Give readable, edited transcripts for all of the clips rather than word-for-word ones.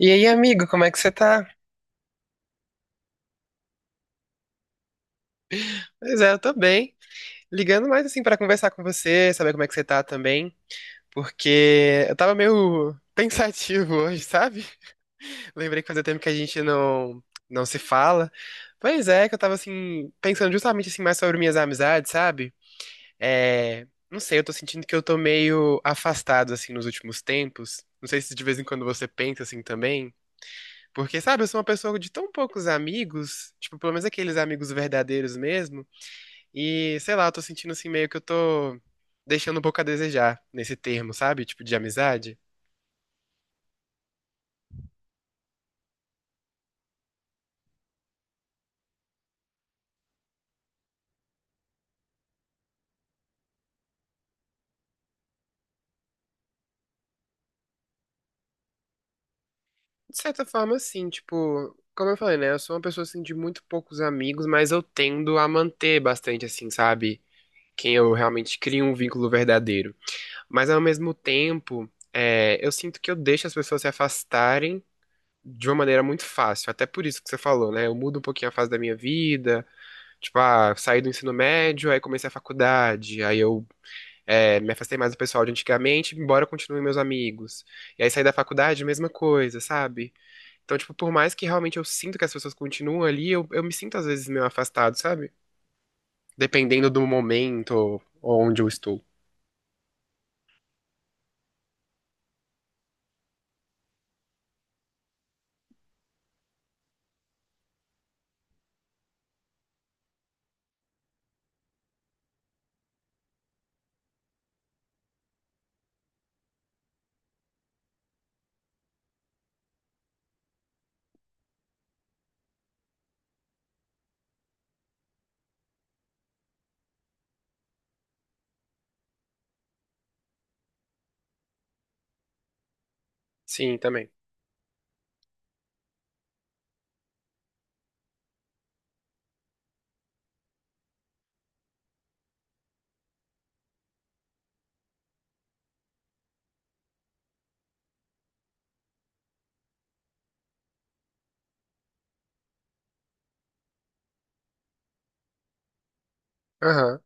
E aí, amigo, como é que você tá? Pois é, eu tô bem. Ligando mais assim pra conversar com você, saber como é que você tá também, porque eu tava meio pensativo hoje, sabe? Lembrei que fazia tempo que a gente não se fala. Pois é, que eu tava assim pensando justamente assim mais sobre minhas amizades, sabe? É, não sei, eu tô sentindo que eu tô meio afastado assim nos últimos tempos. Não sei se de vez em quando você pensa assim também. Porque, sabe, eu sou uma pessoa de tão poucos amigos, tipo, pelo menos aqueles amigos verdadeiros mesmo. E, sei lá, eu tô sentindo assim meio que eu tô deixando um pouco a desejar nesse termo, sabe? Tipo, de amizade. De certa forma, sim, tipo, como eu falei, né? Eu sou uma pessoa assim de muito poucos amigos, mas eu tendo a manter bastante, assim, sabe? Quem eu realmente crio um vínculo verdadeiro. Mas ao mesmo tempo, é, eu sinto que eu deixo as pessoas se afastarem de uma maneira muito fácil. Até por isso que você falou, né? Eu mudo um pouquinho a fase da minha vida. Tipo, ah, saí do ensino médio, aí comecei a faculdade, aí eu é, me afastei mais do pessoal de antigamente, embora continuem meus amigos. E aí saí da faculdade, mesma coisa, sabe? Então, tipo, por mais que realmente eu sinto que as pessoas continuam ali, eu me sinto às vezes meio afastado, sabe? Dependendo do momento onde eu estou. Sim, também. Aham.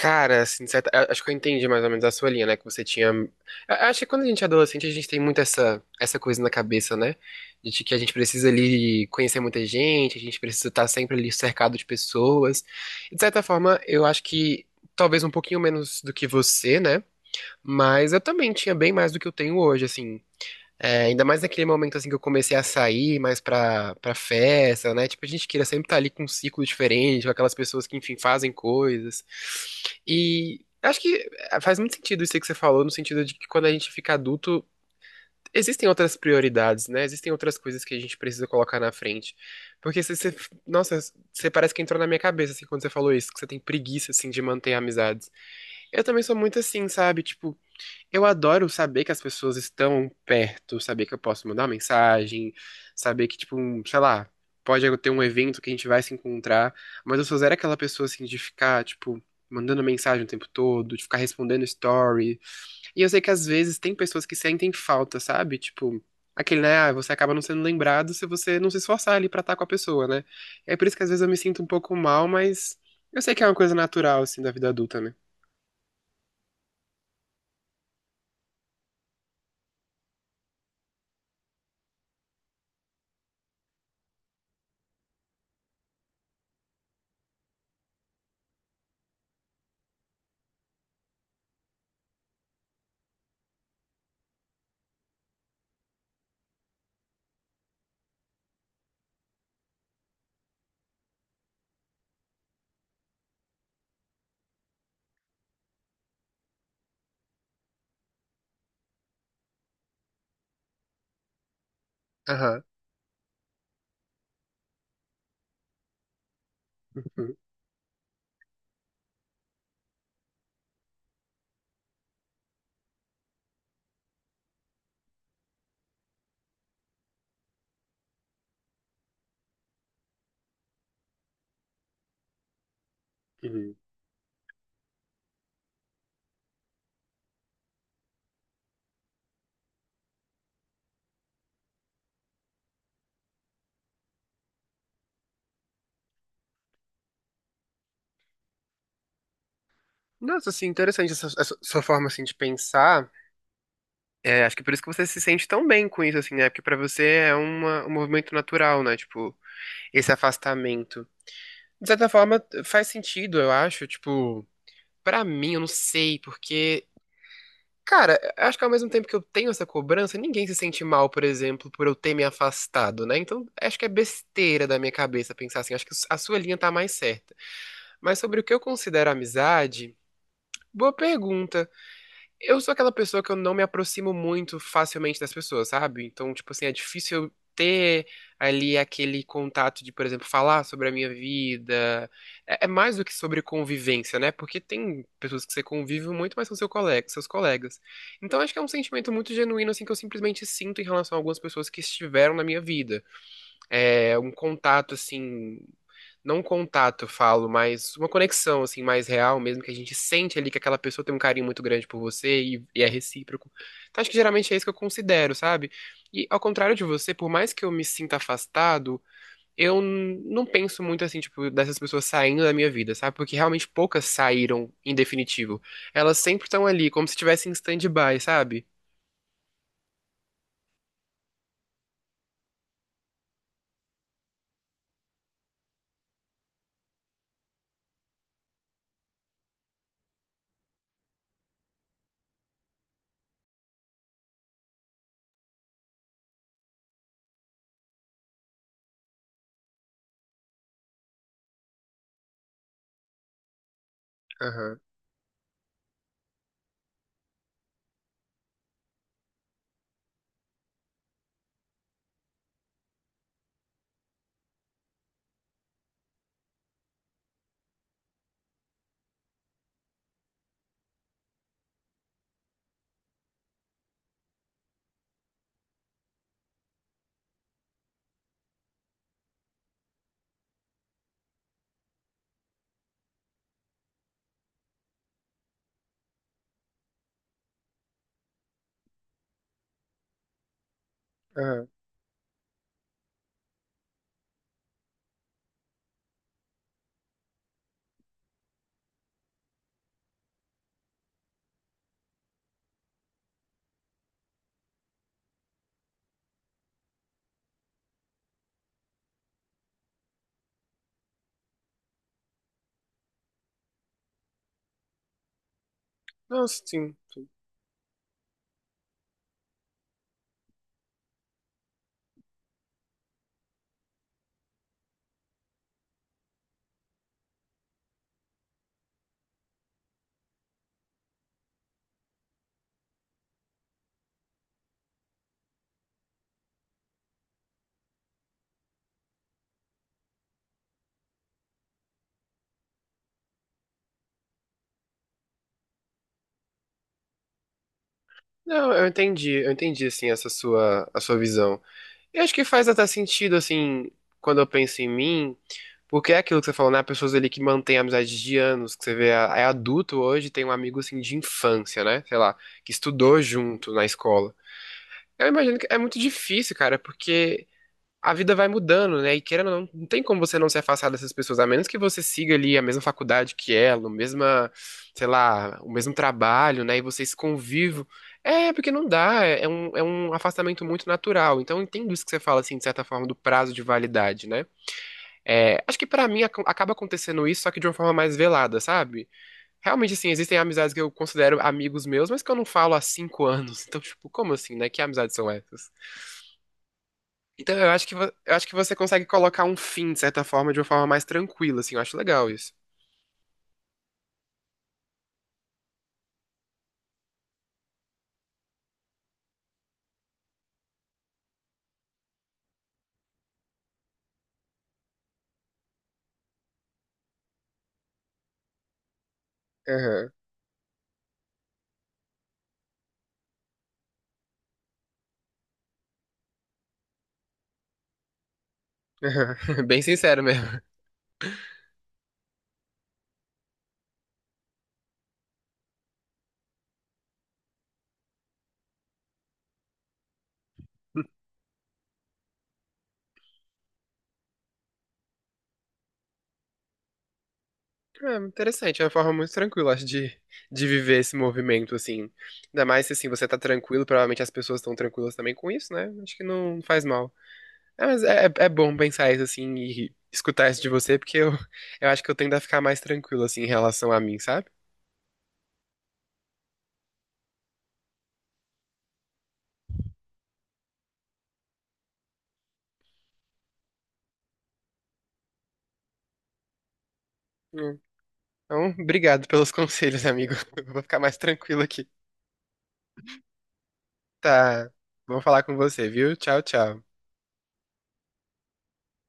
Cara, assim, acho que eu entendi mais ou menos a sua linha, né? Que você tinha. Acho que quando a gente é adolescente, a gente tem muito essa coisa na cabeça, né? De que a gente precisa ali conhecer muita gente, a gente precisa estar sempre ali cercado de pessoas. E, de certa forma, eu acho que talvez um pouquinho menos do que você, né? Mas eu também tinha bem mais do que eu tenho hoje, assim. É, ainda mais naquele momento assim que eu comecei a sair mais pra festa, né? Tipo, a gente queria sempre estar ali com um ciclo diferente, com aquelas pessoas que, enfim, fazem coisas. E acho que é, faz muito sentido isso aí que você falou, no sentido de que quando a gente fica adulto, existem outras prioridades, né? Existem outras coisas que a gente precisa colocar na frente. Porque você, você- Nossa, você parece que entrou na minha cabeça, assim, quando você falou isso, que você tem preguiça, assim, de manter amizades. Eu também sou muito assim, sabe? Tipo, eu adoro saber que as pessoas estão perto, saber que eu posso mandar uma mensagem, saber que, tipo, um, sei lá, pode ter um evento que a gente vai se encontrar, mas eu sou zero aquela pessoa, assim, de ficar, tipo, mandando mensagem o tempo todo, de ficar respondendo story. E eu sei que às vezes tem pessoas que sentem falta, sabe? Tipo, aquele, né, ah, você acaba não sendo lembrado se você não se esforçar ali pra estar com a pessoa, né? É por isso que às vezes eu me sinto um pouco mal, mas eu sei que é uma coisa natural, assim, da vida adulta, né? Aham. Uhum. Uhum. Nossa, assim, interessante essa sua forma, assim, de pensar. É, acho que por isso que você se sente tão bem com isso, assim, né? Porque pra você é uma, um movimento natural, né? Tipo, esse afastamento. De certa forma, faz sentido, eu acho. Tipo, pra mim, eu não sei, porque... Cara, eu acho que ao mesmo tempo que eu tenho essa cobrança, ninguém se sente mal, por exemplo, por eu ter me afastado, né? Então, acho que é besteira da minha cabeça pensar assim. Acho que a sua linha tá mais certa. Mas sobre o que eu considero amizade, boa pergunta. Eu sou aquela pessoa que eu não me aproximo muito facilmente das pessoas, sabe? Então, tipo assim, é difícil eu ter ali aquele contato de, por exemplo, falar sobre a minha vida. É, é mais do que sobre convivência, né? Porque tem pessoas que você convive muito, mas são seu colega, seus colegas. Então, acho que é um sentimento muito genuíno, assim, que eu simplesmente sinto em relação a algumas pessoas que estiveram na minha vida. É um contato, assim, não um contato, eu falo, mas uma conexão, assim, mais real mesmo, que a gente sente ali que aquela pessoa tem um carinho muito grande por você e é recíproco. Então, acho que geralmente é isso que eu considero, sabe? E ao contrário de você, por mais que eu me sinta afastado, não penso muito, assim, tipo, dessas pessoas saindo da minha vida, sabe? Porque realmente poucas saíram em definitivo. Elas sempre estão ali, como se estivessem em stand-by, sabe? Aham, aham. Não, sim. Não, eu entendi, assim, a sua visão. Eu acho que faz até sentido, assim, quando eu penso em mim, porque é aquilo que você falou, né? Pessoas ali que mantêm amizades de anos, que você vê, é adulto hoje, tem um amigo, assim, de infância, né? Sei lá, que estudou junto na escola. Eu imagino que é muito difícil, cara, porque a vida vai mudando, né? E querendo ou não, não tem como você não se afastar dessas pessoas, a menos que você siga ali a mesma faculdade que ela, o mesma, sei lá, o mesmo trabalho, né? E vocês convivem. É, porque não dá, é um afastamento muito natural. Então, eu entendo isso que você fala, assim, de certa forma, do prazo de validade, né? É, acho que pra mim acaba acontecendo isso, só que de uma forma mais velada, sabe? Realmente, assim, existem amizades que eu considero amigos meus, mas que eu não falo há 5 anos. Então, tipo, como assim, né? Que amizades são essas? Então, eu acho que, eu acho que você consegue colocar um fim, de certa forma, de uma forma mais tranquila, assim. Eu acho legal isso. Aham, aham. Bem sincero mesmo. É, interessante, é uma forma muito tranquila, acho, de viver esse movimento, assim. Ainda mais se, assim, você tá tranquilo, provavelmente as pessoas estão tranquilas também com isso, né? Acho que não faz mal. É, mas é, é bom pensar isso, assim, e escutar isso de você, porque eu acho que eu tendo a ficar mais tranquilo, assim, em relação a mim, sabe? Hum. Então, obrigado pelos conselhos, amigo. Eu vou ficar mais tranquilo aqui. Tá. Vou falar com você, viu? Tchau, tchau.